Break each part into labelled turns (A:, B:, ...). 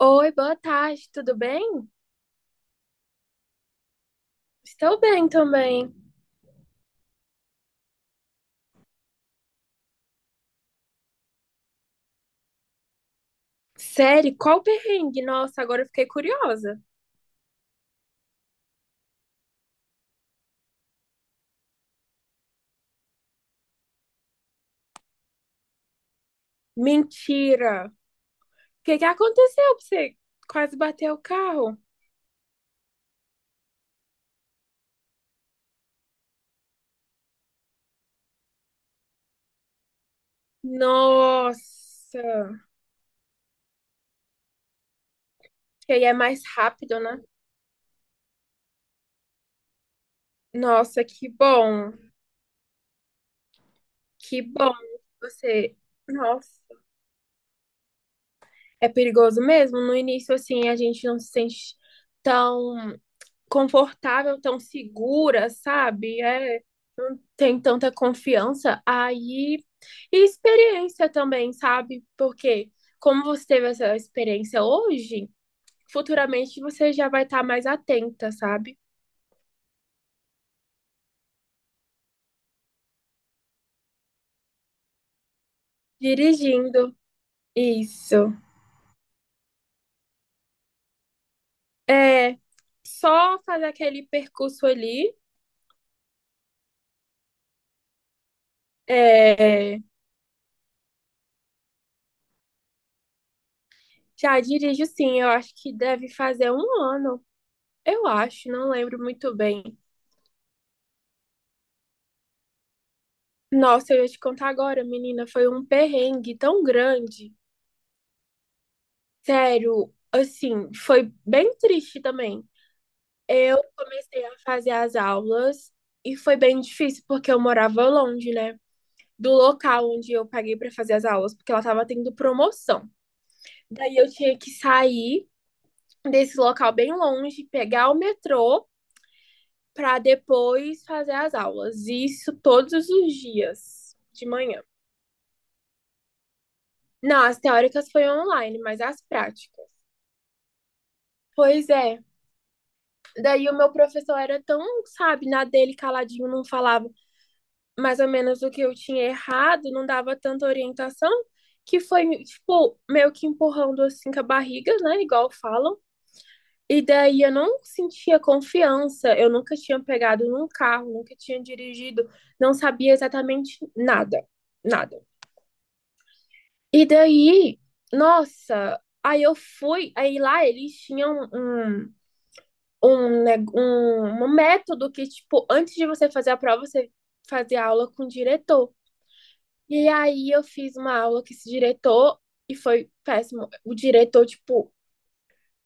A: Oi, boa tarde, tudo bem? Estou bem também. Sério, qual perrengue? Nossa, agora eu fiquei curiosa. Mentira! O que que aconteceu pra você quase bateu o carro? Nossa! Que aí é mais rápido, né? Nossa, que bom! Que bom você. Nossa, é perigoso mesmo. No início, assim, a gente não se sente tão confortável, tão segura, sabe? É, tem tanta confiança, aí. E experiência também, sabe? Porque como você teve essa experiência hoje, futuramente você já vai estar mais atenta, sabe? Dirigindo. Isso. É só fazer aquele percurso ali. É, já dirijo sim, eu acho que deve fazer um ano. Eu acho, não lembro muito bem. Nossa, eu ia te contar agora, menina, foi um perrengue tão grande. Sério, assim, foi bem triste também. Eu comecei a fazer as aulas e foi bem difícil porque eu morava longe, né? Do local onde eu paguei para fazer as aulas, porque ela tava tendo promoção. Daí eu tinha que sair desse local bem longe, pegar o metrô para depois fazer as aulas. Isso todos os dias de manhã. Não, as teóricas foi online, mas as práticas. Pois é. Daí o meu professor era tão, sabe, na dele, caladinho, não falava mais ou menos o que eu tinha errado, não dava tanta orientação, que foi, tipo, meio que empurrando assim com a barriga, né, igual falam. E daí eu não sentia confiança, eu nunca tinha pegado num carro, nunca tinha dirigido, não sabia exatamente nada, nada. E daí, nossa, aí eu fui, aí lá eles tinham um método que, tipo, antes de você fazer a prova, você fazia aula com o diretor. E aí eu fiz uma aula com esse diretor e foi péssimo. O diretor, tipo,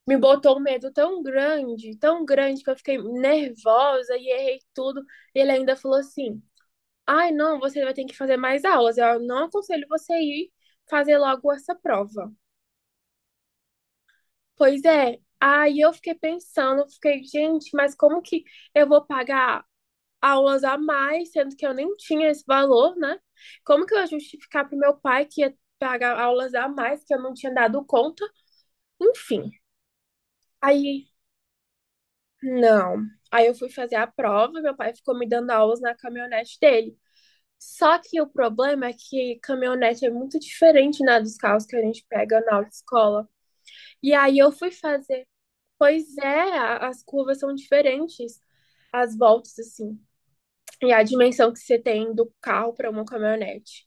A: me botou um medo tão grande, que eu fiquei nervosa e errei tudo. E ele ainda falou assim: ai, não, você vai ter que fazer mais aulas. Eu não aconselho você ir fazer logo essa prova. Pois é. Aí eu fiquei pensando, fiquei, gente, mas como que eu vou pagar aulas a mais, sendo que eu nem tinha esse valor, né? Como que eu ia justificar pro meu pai que ia pagar aulas a mais que eu não tinha dado conta? Enfim. Aí, não. Aí eu fui fazer a prova, meu pai ficou me dando aulas na caminhonete dele. Só que o problema é que caminhonete é muito diferente, né, dos carros que a gente pega na autoescola. E aí eu fui fazer. Pois é, as curvas são diferentes, as voltas, assim. E a dimensão que você tem do carro para uma caminhonete.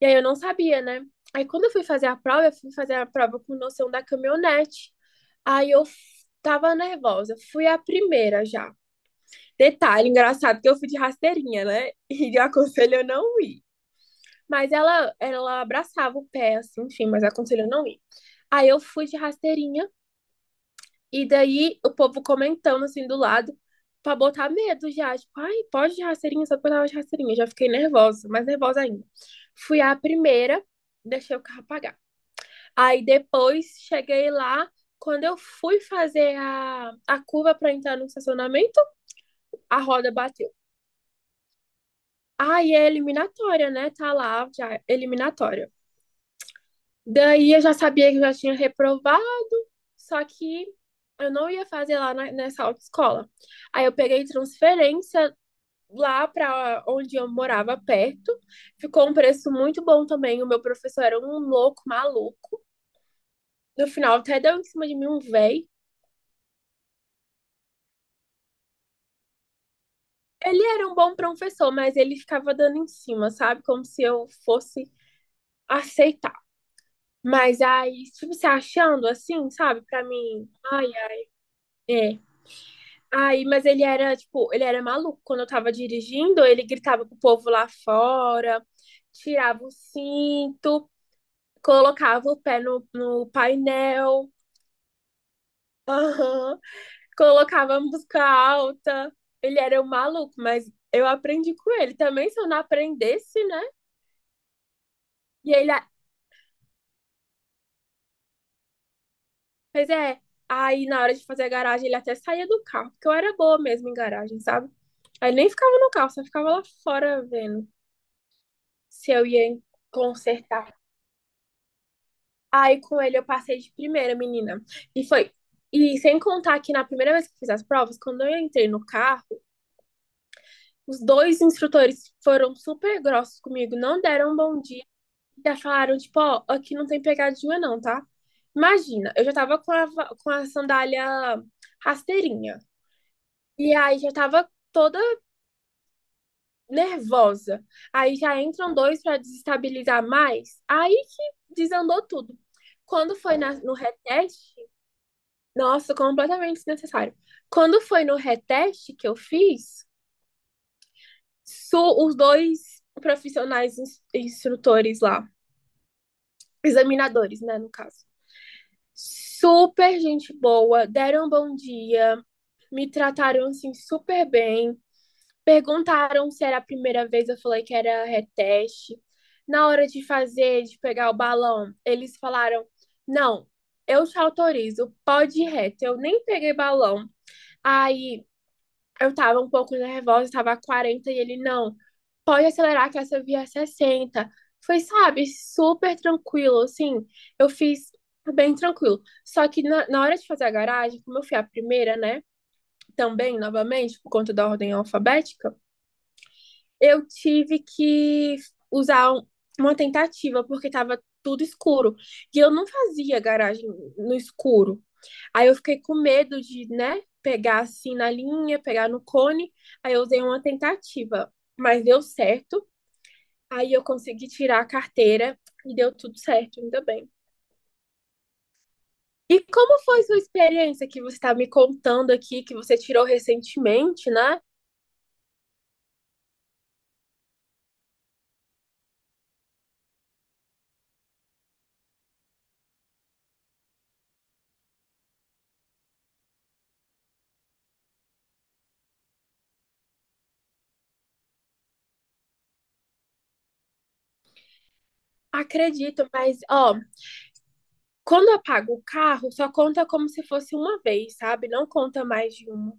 A: E aí eu não sabia, né? Aí quando eu fui fazer a prova, eu fui fazer a prova com noção da caminhonete. Aí eu f- Tava nervosa, fui a primeira já. Detalhe engraçado que eu fui de rasteirinha, né? E eu aconselho eu não ir. Mas ela abraçava o pé, assim, enfim, mas aconselho eu não ir. Aí eu fui de rasteirinha e daí o povo comentando assim do lado pra botar medo já. Tipo, ai, pode de rasteirinha, só pra dar de rasteirinha. Já fiquei nervosa, mais nervosa ainda. Fui a primeira, deixei o carro apagar. Aí depois cheguei lá. Quando eu fui fazer a curva pra entrar no estacionamento, a roda bateu. Aí é eliminatória, né? Tá lá já, eliminatória. Daí eu já sabia que eu já tinha reprovado, só que eu não ia fazer nessa autoescola. Aí eu peguei transferência, lá para onde eu morava perto. Ficou um preço muito bom também. O meu professor era um louco maluco. No final até deu em cima de mim um véi. Ele era um bom professor, mas ele ficava dando em cima, sabe? Como se eu fosse aceitar. Mas aí, tipo, se achando assim, sabe? Pra mim, ai, é. Aí, mas ele era, tipo, ele era maluco. Quando eu tava dirigindo, ele gritava pro povo lá fora, tirava o cinto, colocava o pé no painel. Aham. Colocava música alta. Ele era um maluco, mas eu aprendi com ele também. Se eu não aprendesse, né? E ele, a- Pois é. Aí na hora de fazer a garagem, ele até saía do carro, porque eu era boa mesmo em garagem, sabe? Aí nem ficava no carro, só ficava lá fora vendo se eu ia consertar. Aí com ele eu passei de primeira, menina. E foi. E sem contar que na primeira vez que eu fiz as provas, quando eu entrei no carro, os dois instrutores foram super grossos comigo, não deram um bom dia. Já falaram, tipo, ó, aqui não tem pegadinha não, tá? Imagina, eu já tava com a sandália rasteirinha. E aí já tava toda nervosa. Aí já entram dois pra desestabilizar mais. Aí que desandou tudo. Quando foi no reteste, nossa, completamente desnecessário. Quando foi no reteste que eu fiz, os dois instrutores lá, examinadores, né, no caso. Super gente boa, deram um bom dia, me trataram assim super bem. Perguntaram se era a primeira vez, eu falei que era reteste. Na hora de fazer, de pegar o balão, eles falaram: Não, eu te autorizo, pode ir reto. Eu nem peguei balão. Aí eu tava um pouco nervosa, tava a 40 e ele, não, pode acelerar que essa via é 60. Foi, sabe, super tranquilo, assim, eu fiz bem tranquilo. Só que na hora de fazer a garagem, como eu fui a primeira, né, também, novamente, por conta da ordem alfabética, eu tive que usar uma tentativa, porque tava tudo escuro. E eu não fazia garagem no escuro. Aí eu fiquei com medo de, né, pegar assim na linha, pegar no cone. Aí eu usei uma tentativa, mas deu certo. Aí eu consegui tirar a carteira e deu tudo certo, ainda bem. E como foi sua experiência que você está me contando aqui, que você tirou recentemente, né? Acredito, mas ó, quando eu pago o carro, só conta como se fosse uma vez, sabe? Não conta mais de uma.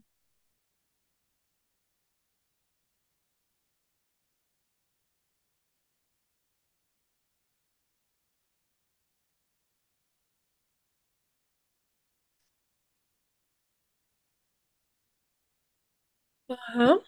A: Aham.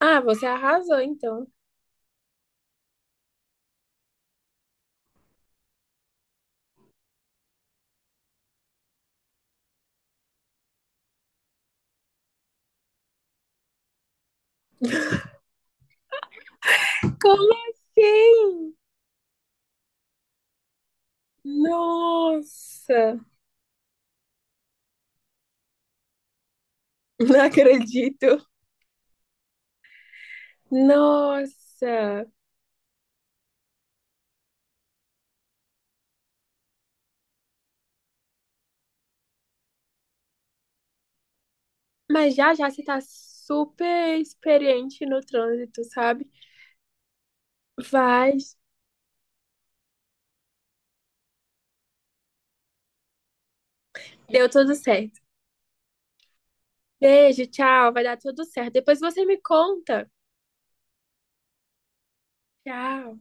A: Ah, você arrasou, então. Como assim? Nossa, não acredito. Nossa. Mas já já você tá super experiente no trânsito, sabe? Vai. Deu tudo certo. Beijo, tchau. Vai dar tudo certo. Depois você me conta. Tchau.